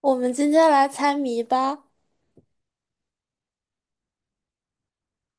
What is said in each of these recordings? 我们今天来猜谜吧。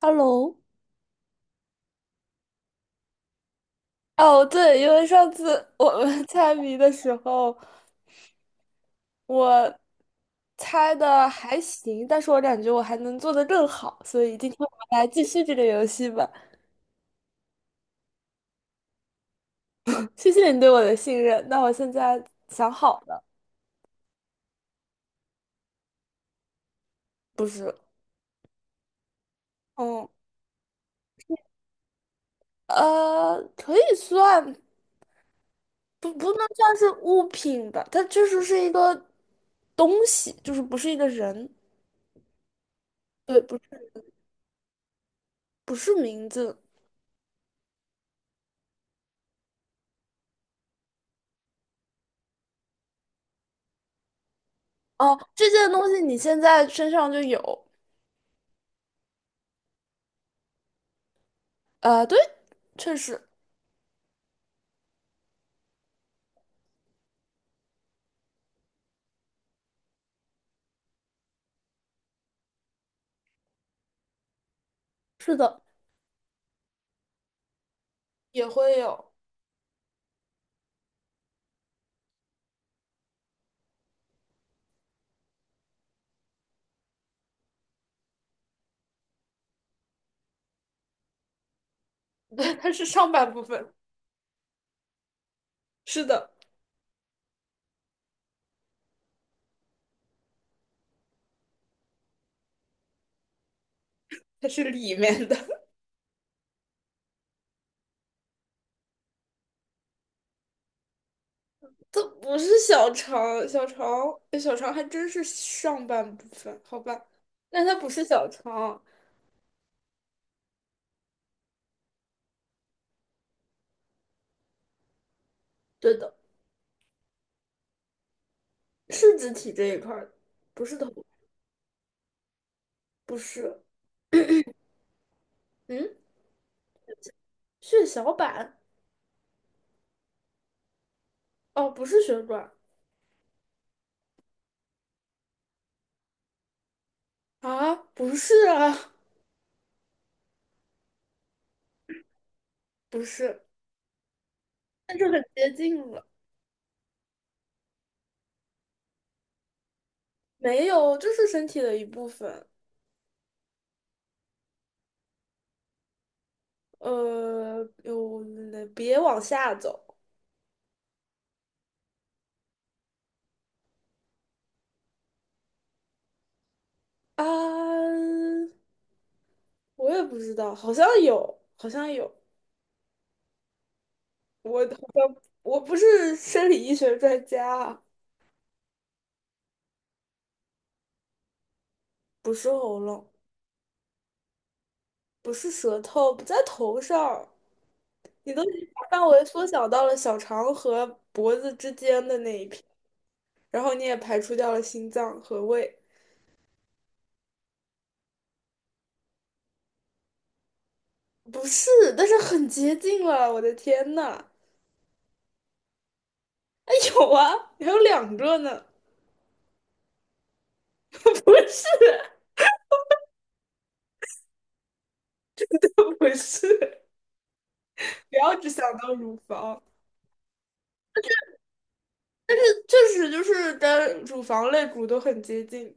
Hello，哦，对，因为上次我们 猜谜的时候，我猜的还行，但是我感觉我还能做的更好，所以今天我们来继续这个游戏吧。谢谢你对我的信任。那我现在想好了，不是，嗯，可以算，不能算是物品吧，它确实是一个东西，就是不是一个人，对，不是名字，哦，这件东西你现在身上就有，对，确实是的，也会有，对，它是上半部分，是的，它是里面的，它不是小肠，小肠，哎小肠还真是上半部分，好吧，但它不是小肠，对的，是肢体这一块儿的，不是头，不是，嗯，血小板，哦，不是血管啊，不是啊，不是，那就很接近了。没有，就是身体的一部分。有，那别往下走啊！我也不知道，好像有，好像有。我好像我不是生理医学专家啊，不是喉咙，不是舌头，不在头上。你都已经把范围缩小到了小肠和脖子之间的那一片，然后你也排除掉了心脏和胃，不是，但是很接近了。我的天呐，哎，有啊，还有两个呢。不是，不是，不要只想到乳房，确实就是跟乳房肋骨都很接近。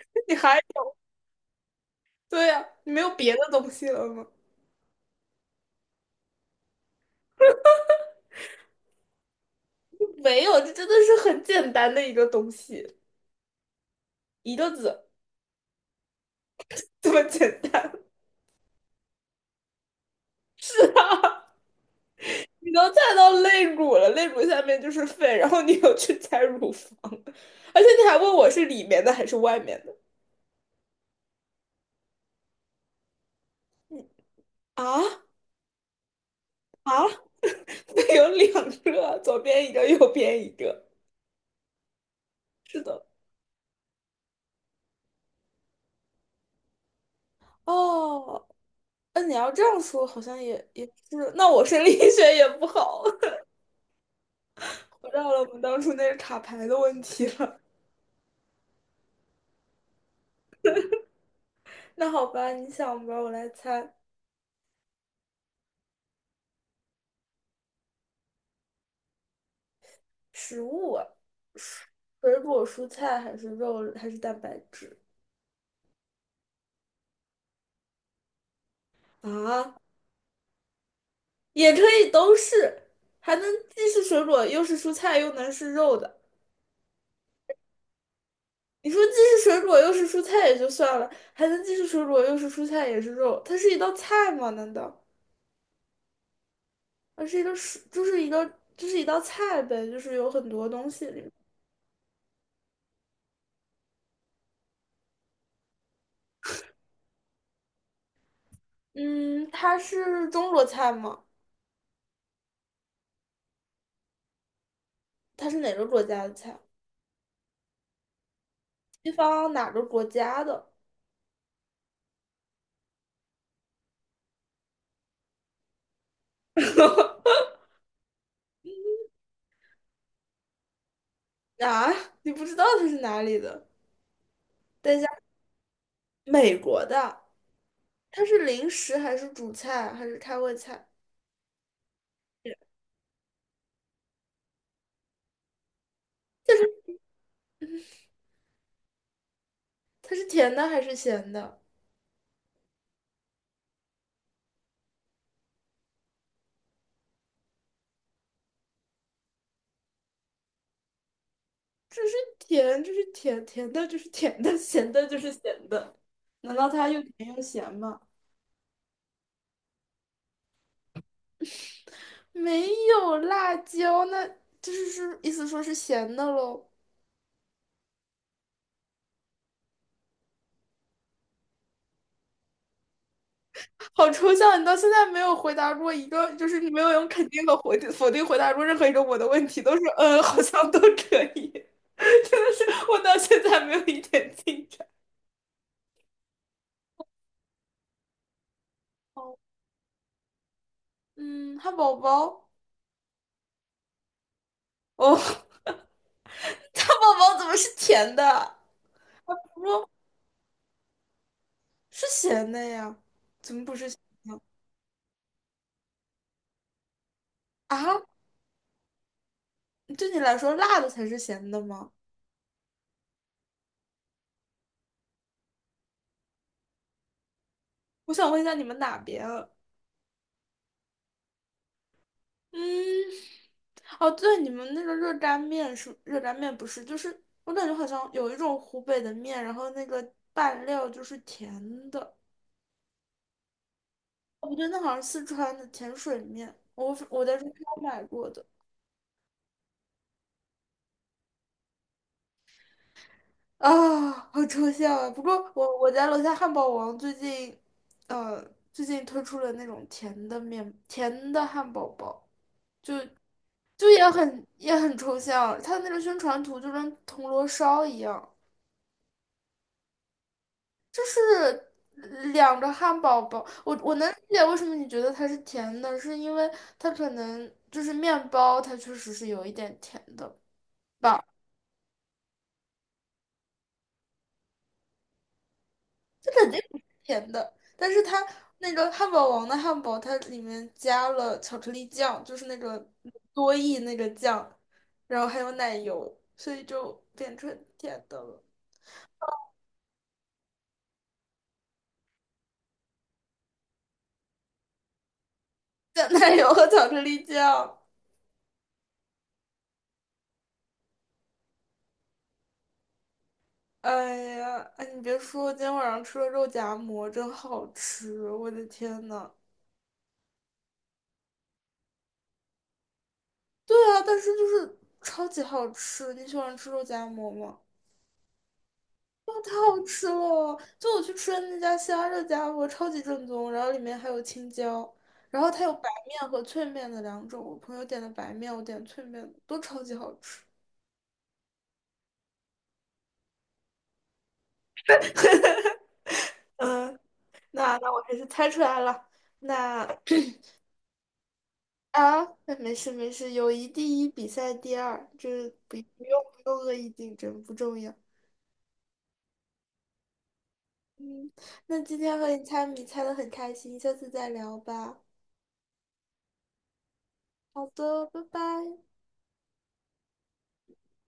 你还对呀，你没有别的东西了吗？没有，这真的是很简单的一个东西，一个字，这么简单。是啊，你都猜到肋骨了，肋骨下面就是肺，然后你又去猜乳房，而且你还问我是里面的还是外面的啊啊？有两个，左边一个，右边一个。是的。哦，那你要这样说，好像也是。那我生理 学也不好，回到了我们当初那个卡牌的问题了。那好吧，你想吧，我来猜。食物啊，水果、蔬菜还是肉还是蛋白质啊？也可以都是，还能既是水果又是蔬菜又能是肉的。你说既是水果又是蔬菜也就算了，还能既是水果又是蔬菜也是肉，它是一道菜吗？难道？它是一个水，就是一个，就是一道菜呗，就是有很多东西里面。嗯，它是中国菜吗？它是哪个国家的菜？西方哪个国家的？啊，你不知道它是哪里的？等一下，美国的，它是零食还是主菜还是开胃菜？它是甜的还是咸的？这是甜，甜的就是甜的，咸的就是咸的。难道它又甜又咸吗？没有辣椒，那就是意思说是咸的喽。好抽象，你到现在没有回答过一个，就是你没有用肯定和否定回答过任何一个我的问题，都是嗯，好像都可以，真的是我到现在没有一点进展。嗯，汉堡包，哦，汉堡包怎么是甜的？是咸的呀？怎么不是咸的？啊？对你来说，辣的才是咸的吗？我想问一下你们哪边啊？嗯，哦，对，你们那个热干面是热干面，不是？就是我感觉好像有一种湖北的面，然后那个拌料就是甜的。哦，不对，那好像是四川的甜水面，我在中超买过的。啊，好抽象啊！不过我家楼下汉堡王呃，最近推出了那种甜的面，甜的汉堡包，就也很抽象，它的那个宣传图就跟铜锣烧一样。是两个汉堡包，我能理解为什么你觉得它是甜的，是因为它可能就是面包，它确实是有一点甜的吧，肯定不是甜的，但是它那个汉堡王的汉堡，它里面加了巧克力酱，就是那个多益那个酱，然后还有奶油，所以就变成甜的了，加奶油和巧克力酱。哎呀，哎，你别说，今天晚上吃了肉夹馍，真好吃！我的天呐。对啊，但是就是超级好吃。你喜欢吃肉夹馍吗？哇，太好吃了！就我去吃的那家虾肉夹馍，超级正宗，然后里面还有青椒，然后它有白面和脆面的两种。我朋友点的白面，我点脆面的，都超级好吃。嗯，那我还是猜出来了。那那没事没事，友谊第一，比赛第二，这不不用不用恶意竞争，不重要。嗯，那今天和你猜谜猜的很开心，下次再聊吧。好的，拜拜。